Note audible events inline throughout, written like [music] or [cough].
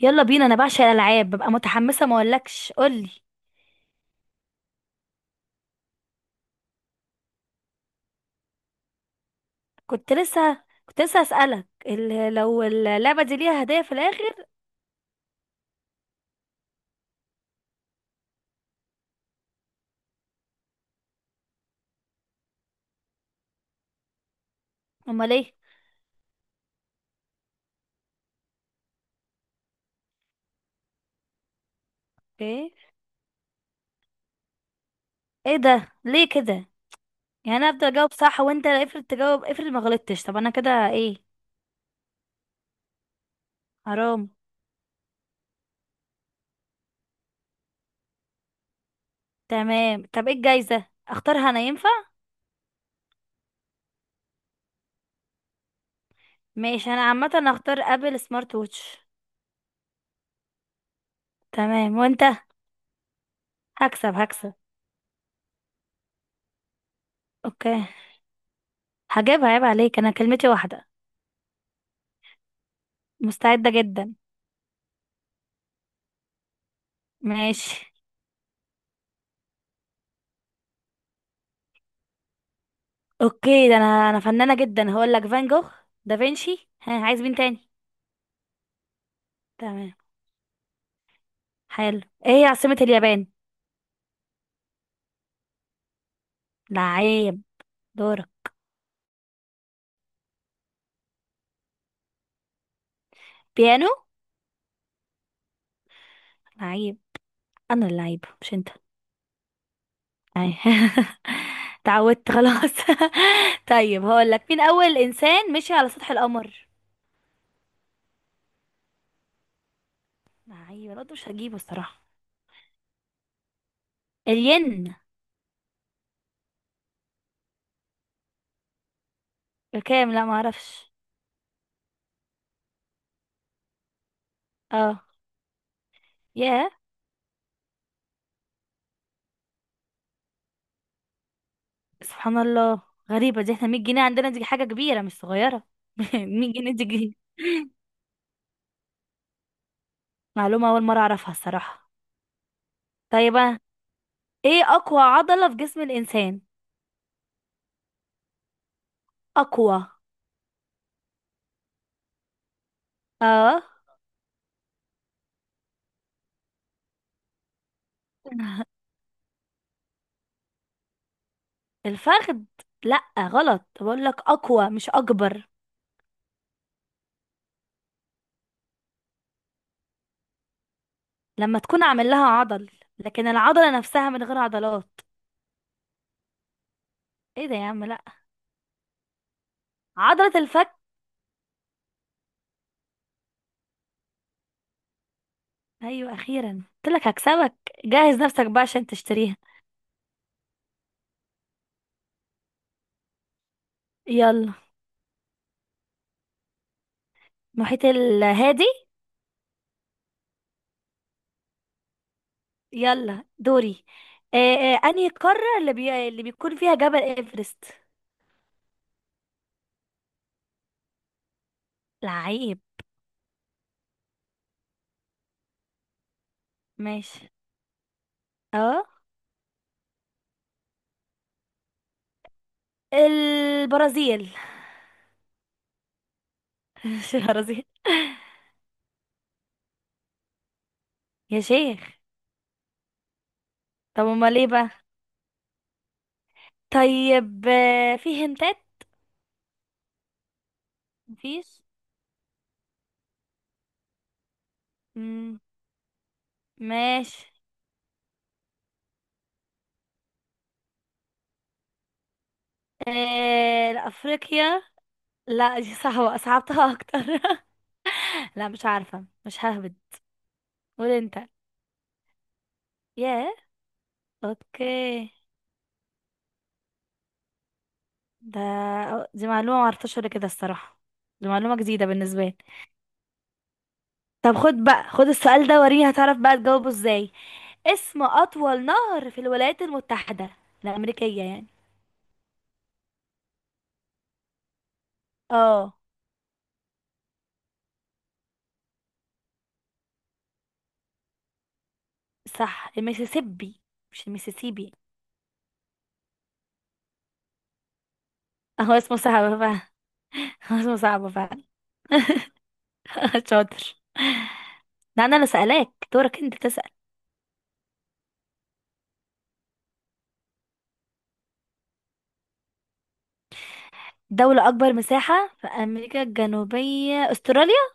يلا بينا انا بعشق الالعاب ببقى متحمسه ما اقولكش قولي. كنت لسه اسالك لو اللعبه دي ليها هدايا في الاخر؟ امال ايه؟ ايه ايه ده ليه كده؟ يعني انا افضل اجاوب صح وانت افرض تجاوب، افرض ما غلطتش، طب انا كده ايه؟ حرام. تمام، طب ايه الجايزه؟ اختارها انا ينفع؟ ماشي، انا عامه هختار ابل سمارت ووتش. تمام وانت؟ هكسب هكسب. اوكي هجيبها، عيب عليك، انا كلمتي واحده. مستعده جدا. ماشي. اوكي، ده انا انا فنانة جدا، هقول لك فان جوخ، دافنشي، ها عايز مين تاني؟ تمام. حلو، ايه هي عاصمة اليابان؟ لعيب. دورك. بيانو. لعيب، انا اللعيب مش انت. أي. [laughs] تعودت خلاص. [laughs] طيب هقول لك، مين اول انسان مشي على سطح القمر؟ لعيب، انا قلت مش هجيبه الصراحة. الين بكام؟ لا معرفش. اه. ياه. سبحان الله، غريبة دي، احنا 100 جنيه عندنا دي حاجة كبيرة مش صغيرة. [laughs] 100 جنيه دي جنيه، معلومة أول مرة أعرفها الصراحة. طيب أنا، إيه أقوى عضلة في جسم الإنسان؟ أقوى. آه الفخذ؟ لأ غلط، بقول لك أقوى مش أكبر. لما تكون عامل لها عضل، لكن العضلة نفسها من غير عضلات. إيه ده يا عم، لأ. عضلة الفك. أيوة، أخيرا قلت لك هكسبك، جهز نفسك بقى عشان تشتريها. يلا. محيط الهادي. يلا دوري. آه أنهي القارة اللي بيكون فيها جبل إيفرست؟ لعيب. ماشي. اه. البرازيل. [laughs] مش البرازيل يا شيخ. طب امال ايه بقى؟ طيب آه، في هنتات؟ مفيش. مم. ماشي. آه، لا، افريقيا. لا دي صعبة، صعبتها اكتر. [laughs] لا مش عارفة، مش ههبد. قول انت. ياه. اوكي. ده، دي معلومة معرفتهاش ولا كده الصراحة. دي معلومة جديدة بالنسبة لي. طب خد بقى، خد السؤال ده، وريني هتعرف بقى تجاوبه ازاي. اسم اطول نهر في الولايات المتحدة الامريكية يعني. اه. صح المسيسيبي. مش المسيسيبي. [laughs] هو اسمه صعب فعلا. [laughs] هو اسمه صعب فعلا. [laughs] شاطر، ده انا اللي سألاك، دورك انت تسأل. دولة اكبر مساحة في امريكا الجنوبية استراليا.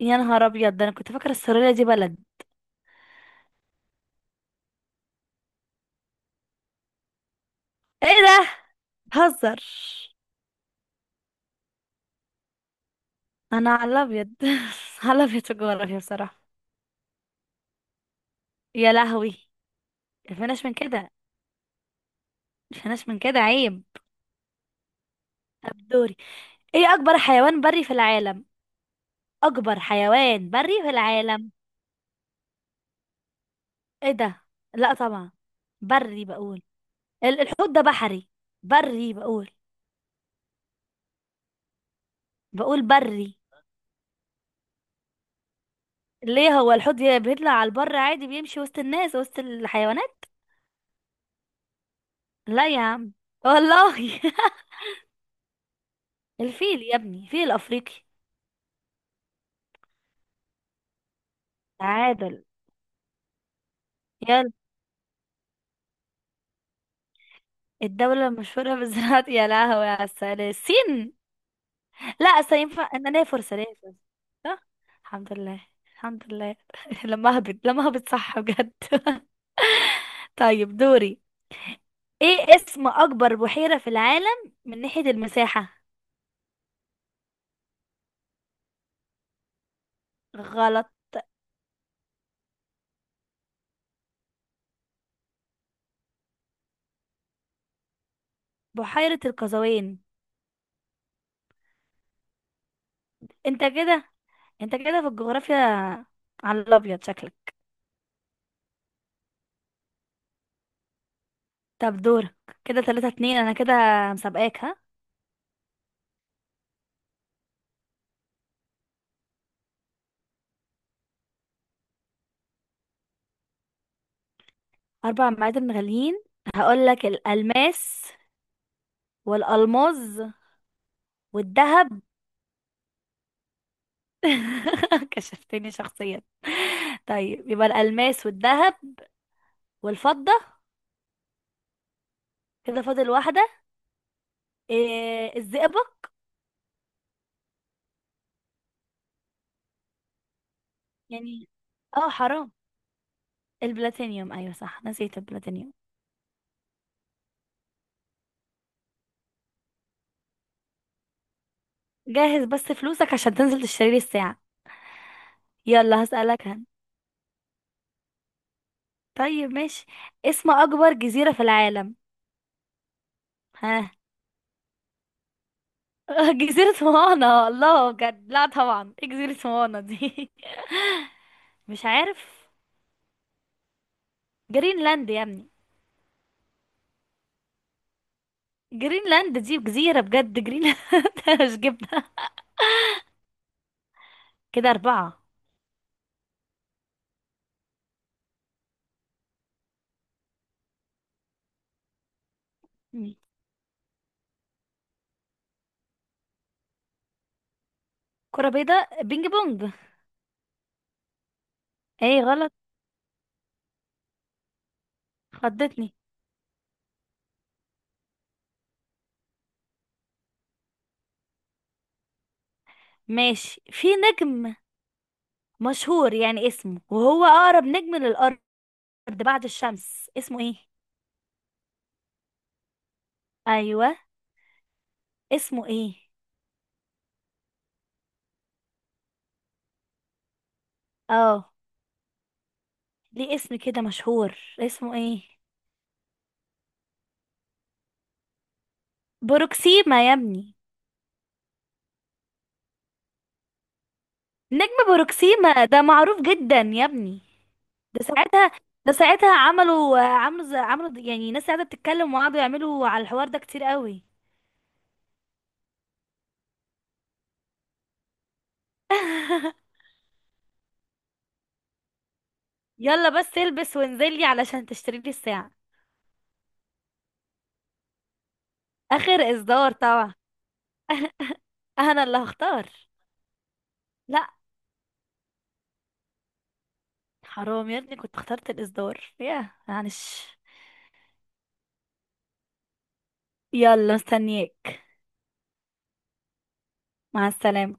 يا نهار ابيض، ده انا كنت فاكرة استراليا دي بلد. ايه ده؟ هزر. انا على الابيض. [laughs] على الابيض في الجغرافيا بصراحة. يا لهوي. مفيناش من كده، مفيناش من كده، عيب. طب دوري. ايه اكبر حيوان بري في العالم؟ اكبر حيوان بري في العالم. ايه ده؟ لا طبعا. بري بقول. ال- الحوت ده بحري. بري بقول. بقول بري. ليه، هو الحوت بيطلع على البر عادي بيمشي وسط الناس وسط الحيوانات؟ لا يا عم، والله. [laughs] الفيل يا ابني، فيل افريقي. تعادل. يلا. الدولة المشهورة بزراعة، يا لهوي على السلام، الصين. لا أصل ينفع انا ليا فرصة، ليا فرصة. صح. الحمد لله، الحمد لله. [laughs] لما اهبط، لما اهبط صح بجد. [laughs] طيب دوري. ايه اسم اكبر بحيرة في العالم من ناحية المساحة؟ غلط. بحيرة القزوين. انت كده، انت كده في الجغرافيا على الابيض شكلك. طب دورك. كده تلاتة اتنين انا كده، مسابقاك ها. اربع معادن غاليين. هقولك الالماس والالماظ والذهب. [laughs] كشفتني شخصيا. طيب يبقى الالماس والذهب والفضة. كده فاضل واحدة. إيه الزئبق؟ يعني اه، حرام. البلاتينيوم، ايوه صح، نسيت البلاتينيوم. جهز بس فلوسك عشان تنزل تشتري لي الساعة. يلا هسألك هن. طيب ماشي. اسم اكبر جزيرة في العالم. ها. [laughs] جزيرة موانا، الله بجد، لا طبعا، ايه جزيرة موانا دي؟ [laughs] مش عارف. جرينلاند يا ابني. جرينلاند دي جزيرة بجد، جرينلاند. [laughs] مش جبنة. كده أربعة. مم. كرة بيضاء، بينج بونج. ايه غلط، خضتني. ماشي، في نجم مشهور يعني اسمه، وهو اقرب نجم للارض بعد الشمس، اسمه ايه؟ ايوه، اسمه ايه؟ اه. ليه اسم كده مشهور، اسمه ايه؟ بروكسيما يا ابني. نجم بروكسيما ده معروف جدا يا ابني. ده ساعتها، ده ساعتها عملوا، عملوا يعني ناس قاعده بتتكلم وقعدوا يعملوا على الحوار ده كتير قوي. [laughs] يلا بس البس وانزلي علشان تشتري لي الساعه. اخر اصدار طبعا، انا اللي هختار. لا حرام يا ابني، كنت اخترت الإصدار، ياه معلش. يلا مستنياك. مع السلامة.